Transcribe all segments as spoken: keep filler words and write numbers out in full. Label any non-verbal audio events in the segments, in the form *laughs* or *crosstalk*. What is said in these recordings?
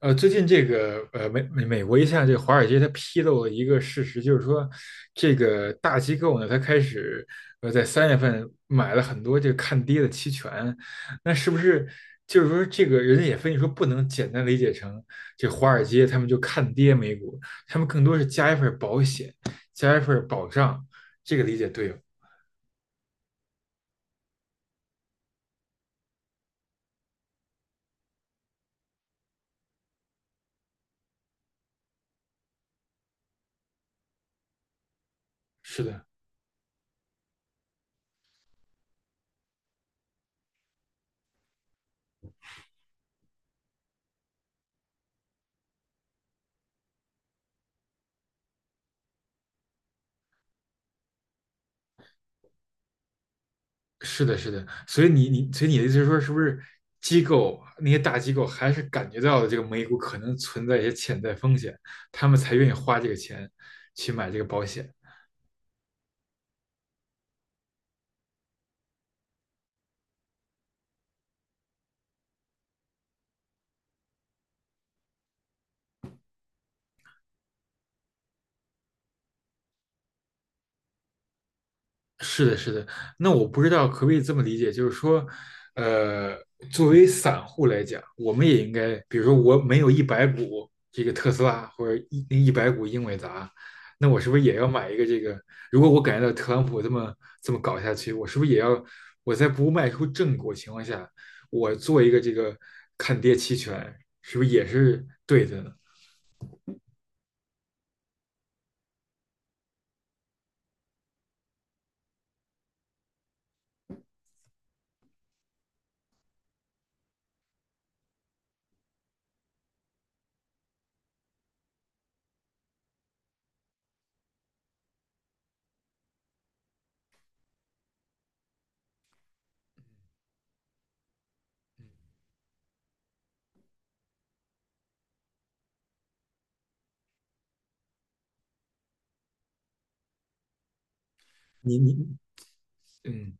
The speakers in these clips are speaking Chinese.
呃，最近这个呃美美美国一项这个华尔街它披露了一个事实，就是说这个大机构呢，它开始呃在三月份买了很多这个看跌的期权，那是不是就是说这个人家也分析说不能简单理解成这华尔街他们就看跌美股，他们更多是加一份保险，加一份保障，这个理解对吗？是的。是的，是的，所以你你所以你的意思是说，是不是机构那些大机构还是感觉到了这个美股可能存在一些潜在风险，他们才愿意花这个钱去买这个保险？是的，是的。那我不知道可不可以这么理解，就是说，呃，作为散户来讲，我们也应该，比如说我没有一百股这个特斯拉或者一一百股英伟达，那我是不是也要买一个这个？如果我感觉到特朗普这么这么搞下去，我是不是也要我在不卖出正果情况下，我做一个这个看跌期权，是不是也是对的呢？你你嗯。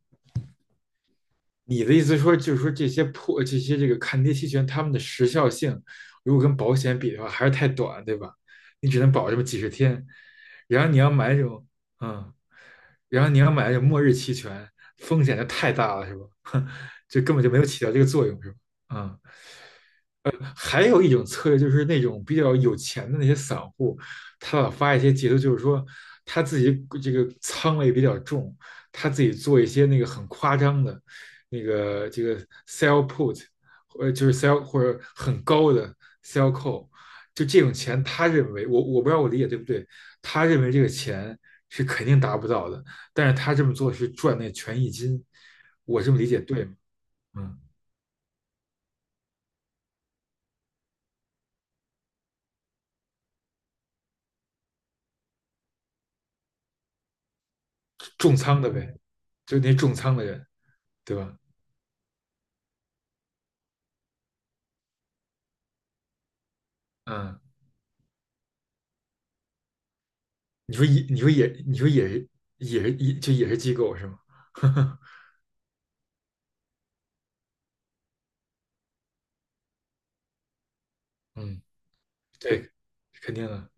你的意思说，就是说这些破这些这个看跌期权，它们的时效性，如果跟保险比的话，还是太短，对吧？你只能保这么几十天，然后你要买那种，嗯，然后你要买那种末日期权，风险就太大了，是吧？*laughs* 就根本就没有起到这个作用，是吧？嗯。还有一种策略就是那种比较有钱的那些散户，他老发一些截图，就是说他自己这个仓位比较重，他自己做一些那个很夸张的，那个这个 sell put，呃，就是 sell 或者很高的 sell call，就这种钱，他认为我我不知道我理解对不对，他认为这个钱是肯定达不到的，但是他这么做是赚那权益金，我这么理解对吗？嗯。重仓的呗，就那重仓的人，对吧？嗯，你说也，你说也，你说也是，也是，也就也是机构是吗？*laughs* 嗯，对，肯定的，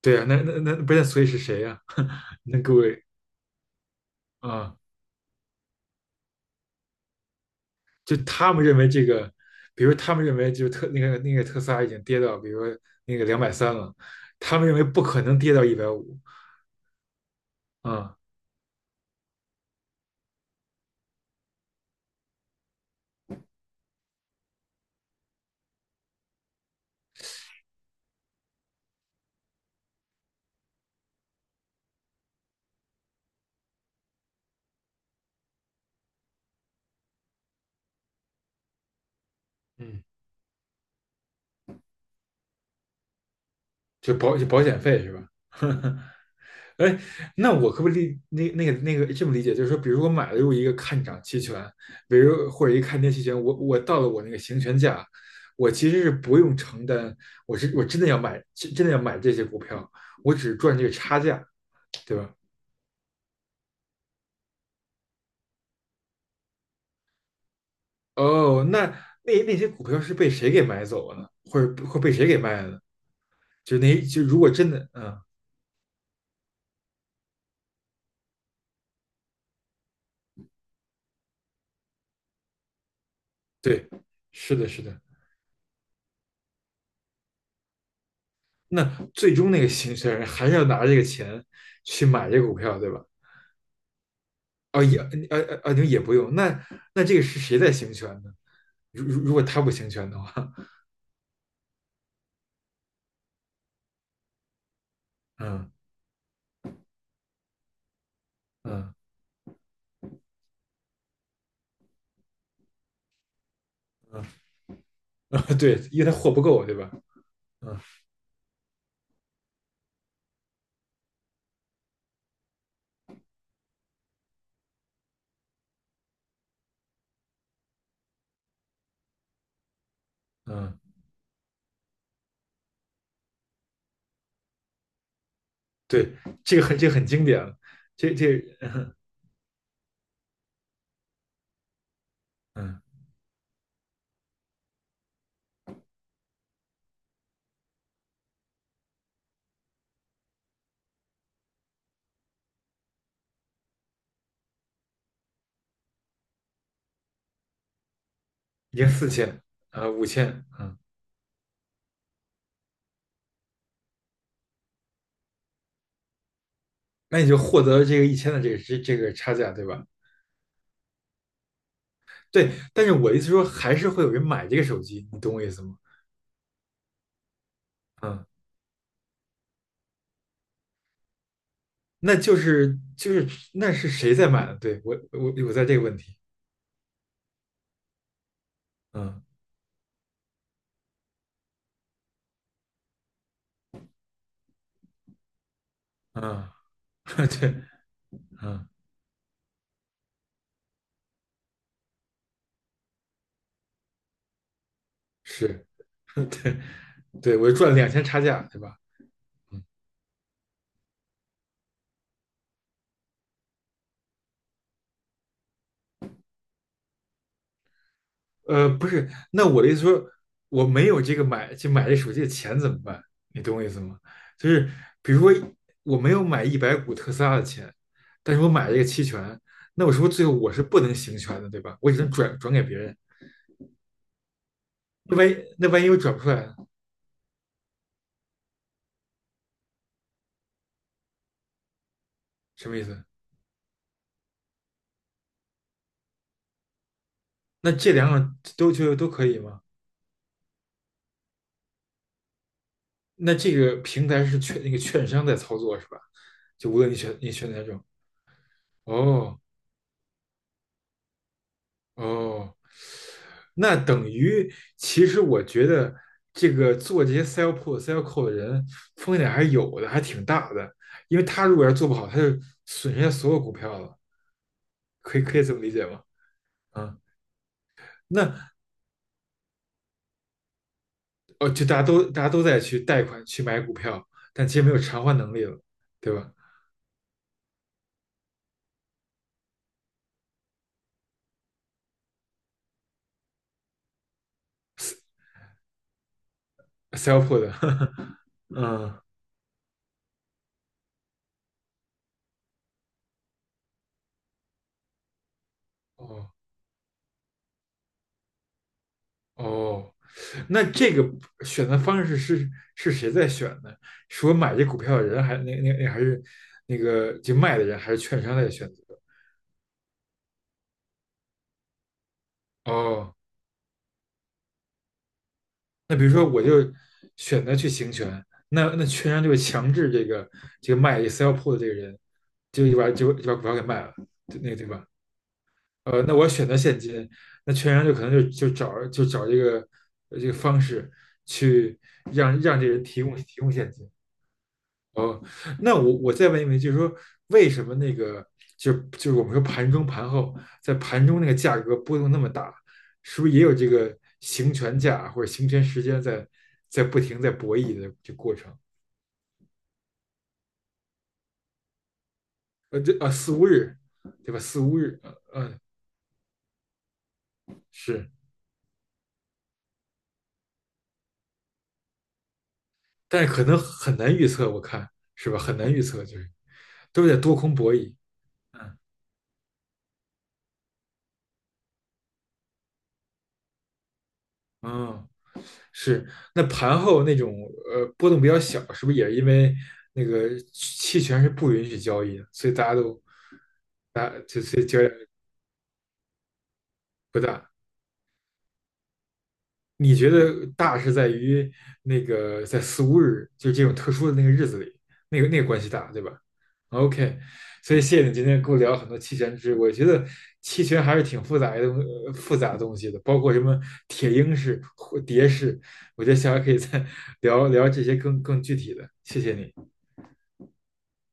对啊，那那那不是，所以是谁呀、*laughs* 那各位啊，就他们认为这个，比如他们认为就特那个那个特斯拉已经跌到，比如说那个两百三了，他们认为不可能跌到一百五啊，嗯，就保就保险费是吧？*laughs* 哎，那我可不可以理那那个那个这么理解，就是说，比如我买入一个看涨期权，比如或者一个看跌期权，我我到了我那个行权价，我其实是不用承担，我是我真的要买，真真的要买这些股票，我只赚这个差价，对吧？哦，那那那些股票是被谁给买走了呢？或者或被谁给卖了呢？就那就如果真的，嗯，对，是的，是的。那最终那个行权人还是要拿这个钱去买这个股票，对吧？哦，也，呃呃呃，你也不用。那那这个是谁在行权呢？如如如果他不行权的话，嗯嗯嗯。*laughs* 对，因为他货不够，对吧？嗯嗯。对，这个很这个很经典了，这这嗯，已经四千啊五千。嗯，那你就获得了这个一千的这个这这个差价，对吧？对，但是我的意思说，还是会有人买这个手机，你懂我意思吗？嗯，那就是就是那是谁在买的对我我我在这个问题。嗯嗯，*laughs* 对，嗯。是，*laughs* 对对，我就赚了两千差价，对吧？嗯，呃，不是，那我的意思说，我没有这个买就买这手机的钱怎么办？你懂我意思吗？就是比如说我没有买一百股特斯拉的钱，但是我买了一个期权，那我是不是最后我是不能行权的，对吧？我只能转转给别人。那万一那万一我转不出来呢？什么意思？那这两种都就都可以吗？那这个平台是券那个券商在操作是吧？就无论你选你选哪种？哦哦。那等于，其实我觉得这个做这些 sell pull、sell call 的人风险还是有的，还挺大的。因为他如果要做不好，他就损失家所有股票了。可以可以这么理解吗？啊，那哦，就大家都大家都在去贷款去买股票，但其实没有偿还能力了，对吧？sell pull 的，*laughs* 呵呵嗯。哦，哦，那这个选择方式是是谁在选呢？是我买这股票的人，还那那那还是那个就卖的人，还是券商在选择？哦，那比如说我就选择去行权，那那券商就会强制这个这个卖 sell put 的这个人，就就把就就把股票给卖了，对那个对吧？呃，那我选择现金，那券商就可能就就找就找这个呃这个方式去让让这人提供提供现金。哦，那我我再问一问，就是说为什么那个就就是我们说盘中盘后，在盘中那个价格波动那么大，是不是也有这个行权价或者行权时间在在不停在博弈的这过程？呃，这啊四五日，对吧？四五日，嗯、呃、是，但是可能很难预测，我看是吧？很难预测，就是都是在多空博弈。嗯，哦是，那盘后那种呃波动比较小，是不是也是因为那个期权是不允许交易的，所以大家都大就所以交易不大？你觉得大是在于那个在四五日，就这种特殊的那个日子里，那个那个关系大，对吧？OK，所以谢谢你今天跟我聊很多期权知识，我觉得期权还是挺复杂的东呃复杂的东西的，包括什么铁鹰式、或蝶式，我觉得下回可以再 *laughs* 聊聊这些更更具体的。谢谢你。